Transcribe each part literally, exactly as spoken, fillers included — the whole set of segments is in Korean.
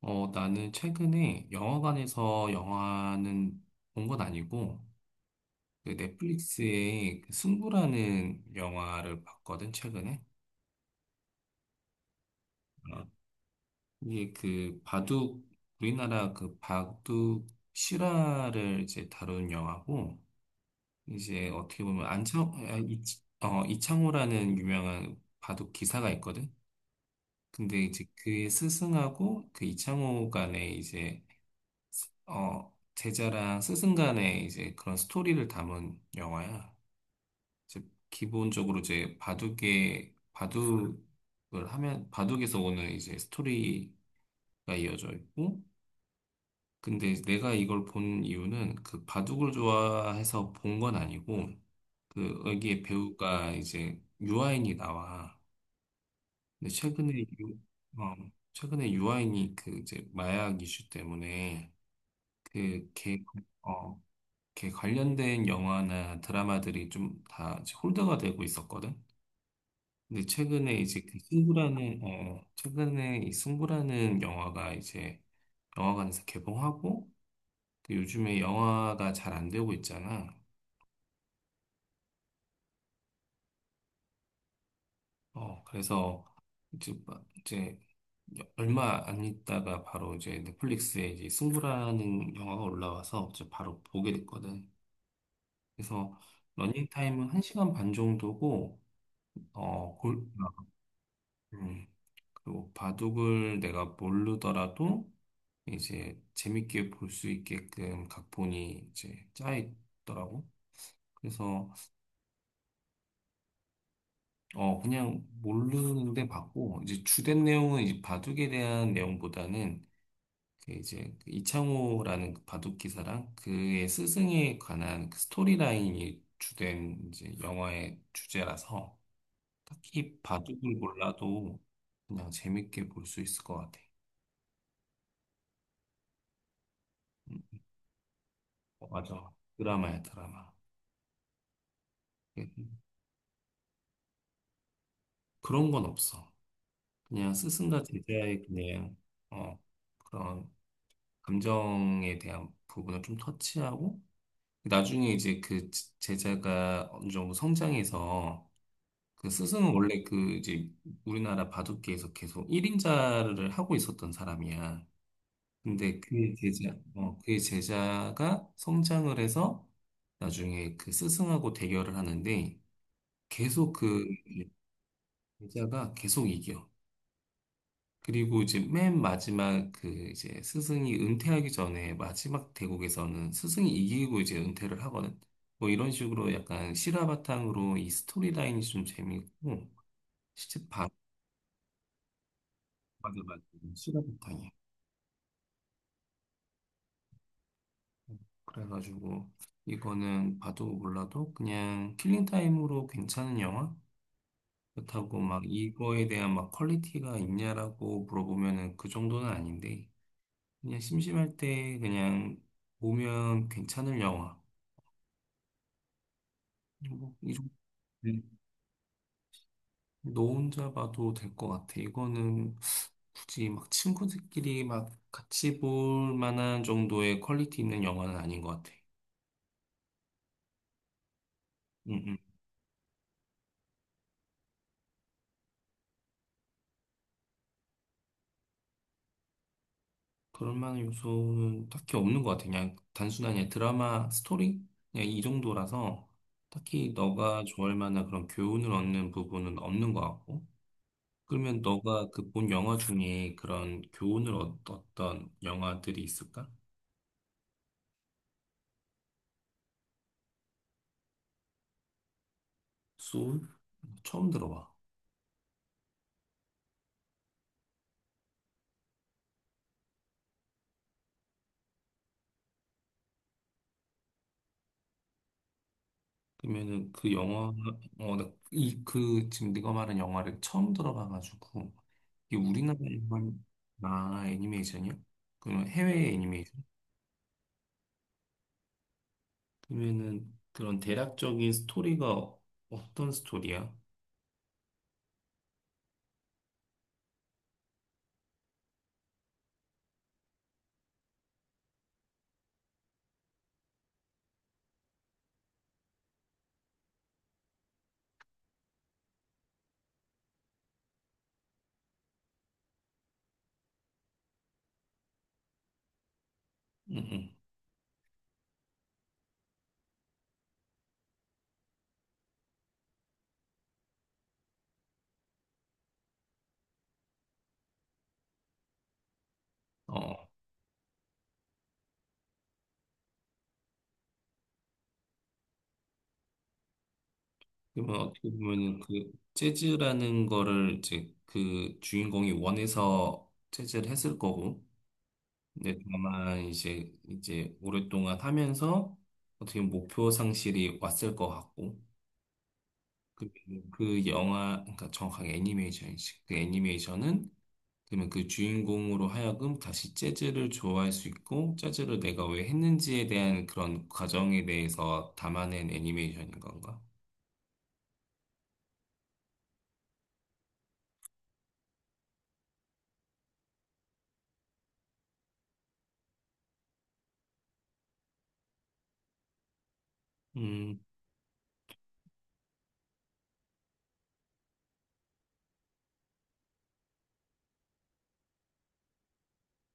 어, 나는 최근에 영화관에서 영화는 본 건 아니고, 그 넷플릭스의 그 승부라는 영화를 봤거든, 최근에. 어, 이게 그 바둑, 우리나라 그 바둑 실화를 이제 다룬 영화고, 이제 어떻게 보면 안창, 아, 이, 어, 이창호라는 유명한 바둑 기사가 있거든. 근데 이제 그의 스승하고 그 이창호 간의 이제 어, 제자랑 스승 간의 이제 그런 스토리를 담은 영화야. 이제 기본적으로 이제 바둑에, 바둑을 하면, 바둑에서 오는 이제 스토리가 이어져 있고, 근데 내가 이걸 본 이유는 그 바둑을 좋아해서 본 건 아니고, 그, 여기에 배우가 이제 유아인이 나와. 근데 최근에, 유, 어, 최근에 유아인이 그 이제 마약 이슈 때문에 그 걔, 이렇게 관련된 영화나 드라마들이 좀 다 홀드가 되고 있었거든. 근데 최근에 이제 그 승부라는 어 최근에 이 승부라는 영화가 이제 영화관에서 개봉하고 또 요즘에 영화가 잘 안 되고 있잖아. 어 그래서 이제 막- 이제 얼마 안 있다가 바로 이제 넷플릭스에 이제 승부라는 영화가 올라와서 이제 바로 보게 됐거든. 그래서 러닝 타임은 한 시간 반 정도고 어 골, 아, 음. 그리고 바둑을 내가 모르더라도 이제 재밌게 볼 수 있게끔 각본이 이제 짜 있더라고. 그래서 어 그냥 모르는데 봤고 이제 주된 내용은 이제 바둑에 대한 내용보다는 그 이제 그 이창호라는 그 바둑 기사랑 그의 스승에 관한 그 스토리라인이 주된 이제 영화의 주제라서 딱히 바둑을 몰라도 그냥 재밌게 볼 수 있을 것 같아. 음, 어, 맞아. 드라마야, 드라마. 예. 그런 건 없어. 그냥 스승과 제자의 그냥 어, 그런 감정에 대한 부분을 좀 터치하고 나중에 이제 그 제- 제자가 어느 정도 성장해서 그 스승은 원래 그 이제 우리나라 바둑계에서 계속 일인자를 하고 있었던 사람이야. 근데 그의 제자, 어, 그의 제자가 성장을 해서 나중에 그 스승하고 대결을 하는데 계속 그 제자가 계속 이겨. 그리고 이제 맨 마지막 그 이제 스승이 은퇴하기 전에 마지막 대국에서는 스승이 이기고 이제 은퇴를 하거든. 뭐 이런 식으로 약간 실화 바탕으로 이 스토리 라인이 좀 재미있고 실제 바- 맞아 맞아, 실화 바탕이야. 그래가지고 이거는 봐도 몰라도 그냥 킬링 타임으로 괜찮은 영화? 그렇다고 막 이거에 대한 막 퀄리티가 있냐라고 물어보면은 그 정도는 아닌데 그냥 심심할 때 그냥 보면 괜찮을 영화. 뭐, 이 정도. 네. 너 혼자 봐도 될 것 같아. 이거는 굳이 막 친구들끼리 막 같이 볼 만한 정도의 퀄리티 있는 영화는 아닌 것 같아. 응, 응. 그럴 만한 요소는 딱히 없는 것 같아. 그냥 단순한 그냥 드라마 스토리? 그냥 이 정도라서 딱히 너가 좋아할 만한 그런 교훈을 얻는 부분은 없는 것 같고. 그러면 너가 그 본 영화 중에 그런 교훈을 얻었던 영화들이 있을까? 소울? 처음 들어봐. 그러면은 그 영화, 어, 나 이, 그, 지금 네가 말한 영화를 처음 들어봐가지고, 이게 우리나라 일본 아, 애니메이션이요? 그러면 해외 애니메이션? 그러면은 그런 대략적인 스토리가 어떤 스토리야? 응, 응. 어, 그러면 어떻게 보면은 그 재즈라는 거를 이제 그 주인공이 원해서 재즈를 했을 거고, 근데 다만 이제 이제 오랫동안 하면서 어떻게 보면 목표 상실이 왔을 것 같고, 그, 그 영화, 그러니까 정확하게 애니메이션이지. 그 애니메이션은 그러면 그 주인공으로 하여금 다시 재즈를 좋아할 수 있고 재즈를 내가 왜 했는지에 대한 그런 과정에 대해서 담아낸 애니메이션인 건가? 음,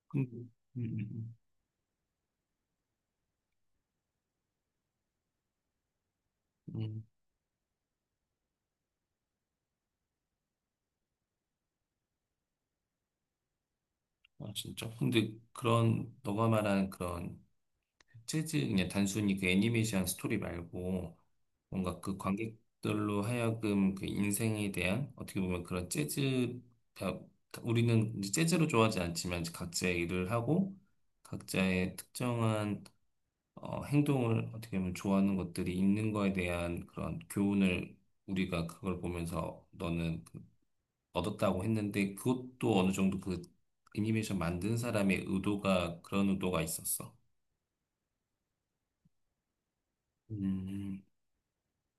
근데, 음, 음, 음. 음. 아, 진짜? 근데 그런 너가 말한 그런 재즈 그냥 단순히 그 애니메이션 스토리 말고 뭔가 그 관객들로 하여금 그 인생에 대한 어떻게 보면 그런 재즈 다- 다- 우리는 이제 재즈로 좋아하지 않지만 이제 각자의 일을 하고 각자의 특정한 어, 행동을 어떻게 보면 좋아하는 것들이 있는 거에 대한 그런 교훈을 우리가 그걸 보면서 너는 그- 얻었다고 했는데 그것도 어느 정도 그 애니메이션 만든 사람의 의도가 그런 의도가 있었어. 음.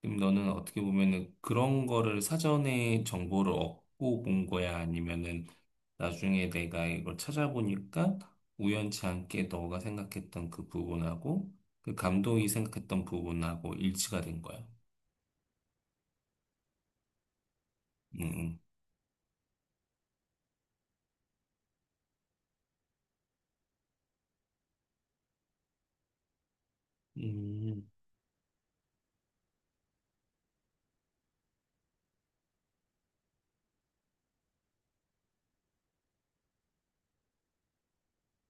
그럼 너는 어떻게 보면은 그런 거를 사전에 정보를 얻고 본 거야? 아니면은 나중에 내가 이걸 찾아보니까 우연치 않게 너가 생각했던 그 부분하고 그 감독이 생각했던 부분하고 일치가 된 거야? 음, 음, 음,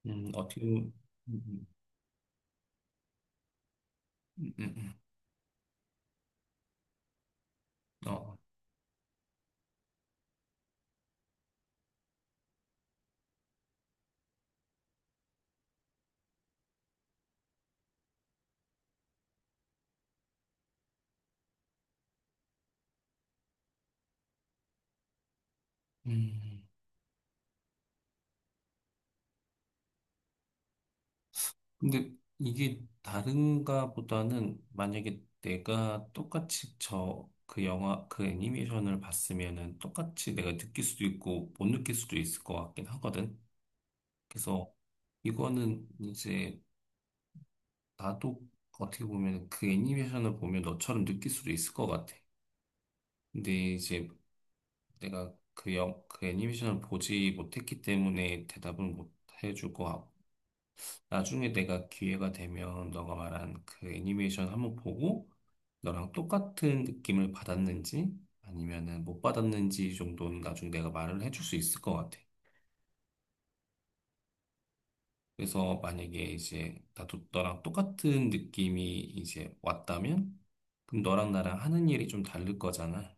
음, 어떻게, 보 음, 음, 음, 음, 어, 음. 근데 이게 다른가 보다는 만약에 내가 똑같이 저 그 영화, 그 애니메이션을 봤으면은 똑같이 내가 느낄 수도 있고 못 느낄 수도 있을 것 같긴 하거든. 그래서 이거는 이제 나도 어떻게 보면 그 애니메이션을 보면 너처럼 느낄 수도 있을 것 같아. 근데 이제 내가 그 영, 그 애니메이션을 보지 못했기 때문에 대답은 못 해줄 것 같고. 나중에 내가 기회가 되면 너가 말한 그 애니메이션 한번 보고 너랑 똑같은 느낌을 받았는지 아니면은 못 받았는지 정도는 나중에 내가 말을 해줄 수 있을 것 같아. 그래서 만약에 이제 나도 너랑 똑같은 느낌이 이제 왔다면 그럼 너랑 나랑 하는 일이 좀 다를 거잖아.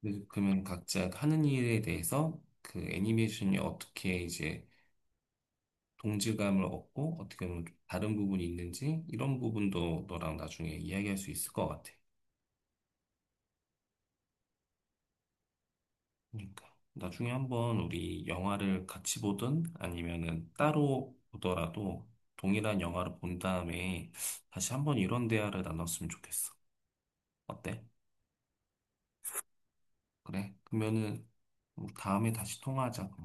그래서 그러면 각자 하는 일에 대해서 그 애니메이션이 어떻게 이제 동질감을 얻고 어떻게 보면 좀 다른 부분이 있는지 이런 부분도 너랑 나중에 이야기할 수 있을 것 같아. 그러니까 나중에 한번 우리 영화를 같이 보든 아니면은 따로 보더라도 동일한 영화를 본 다음에 다시 한번 이런 대화를 나눴으면 좋겠어. 어때? 그래? 그러면은 우리 다음에 다시 통화하자. 그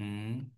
음.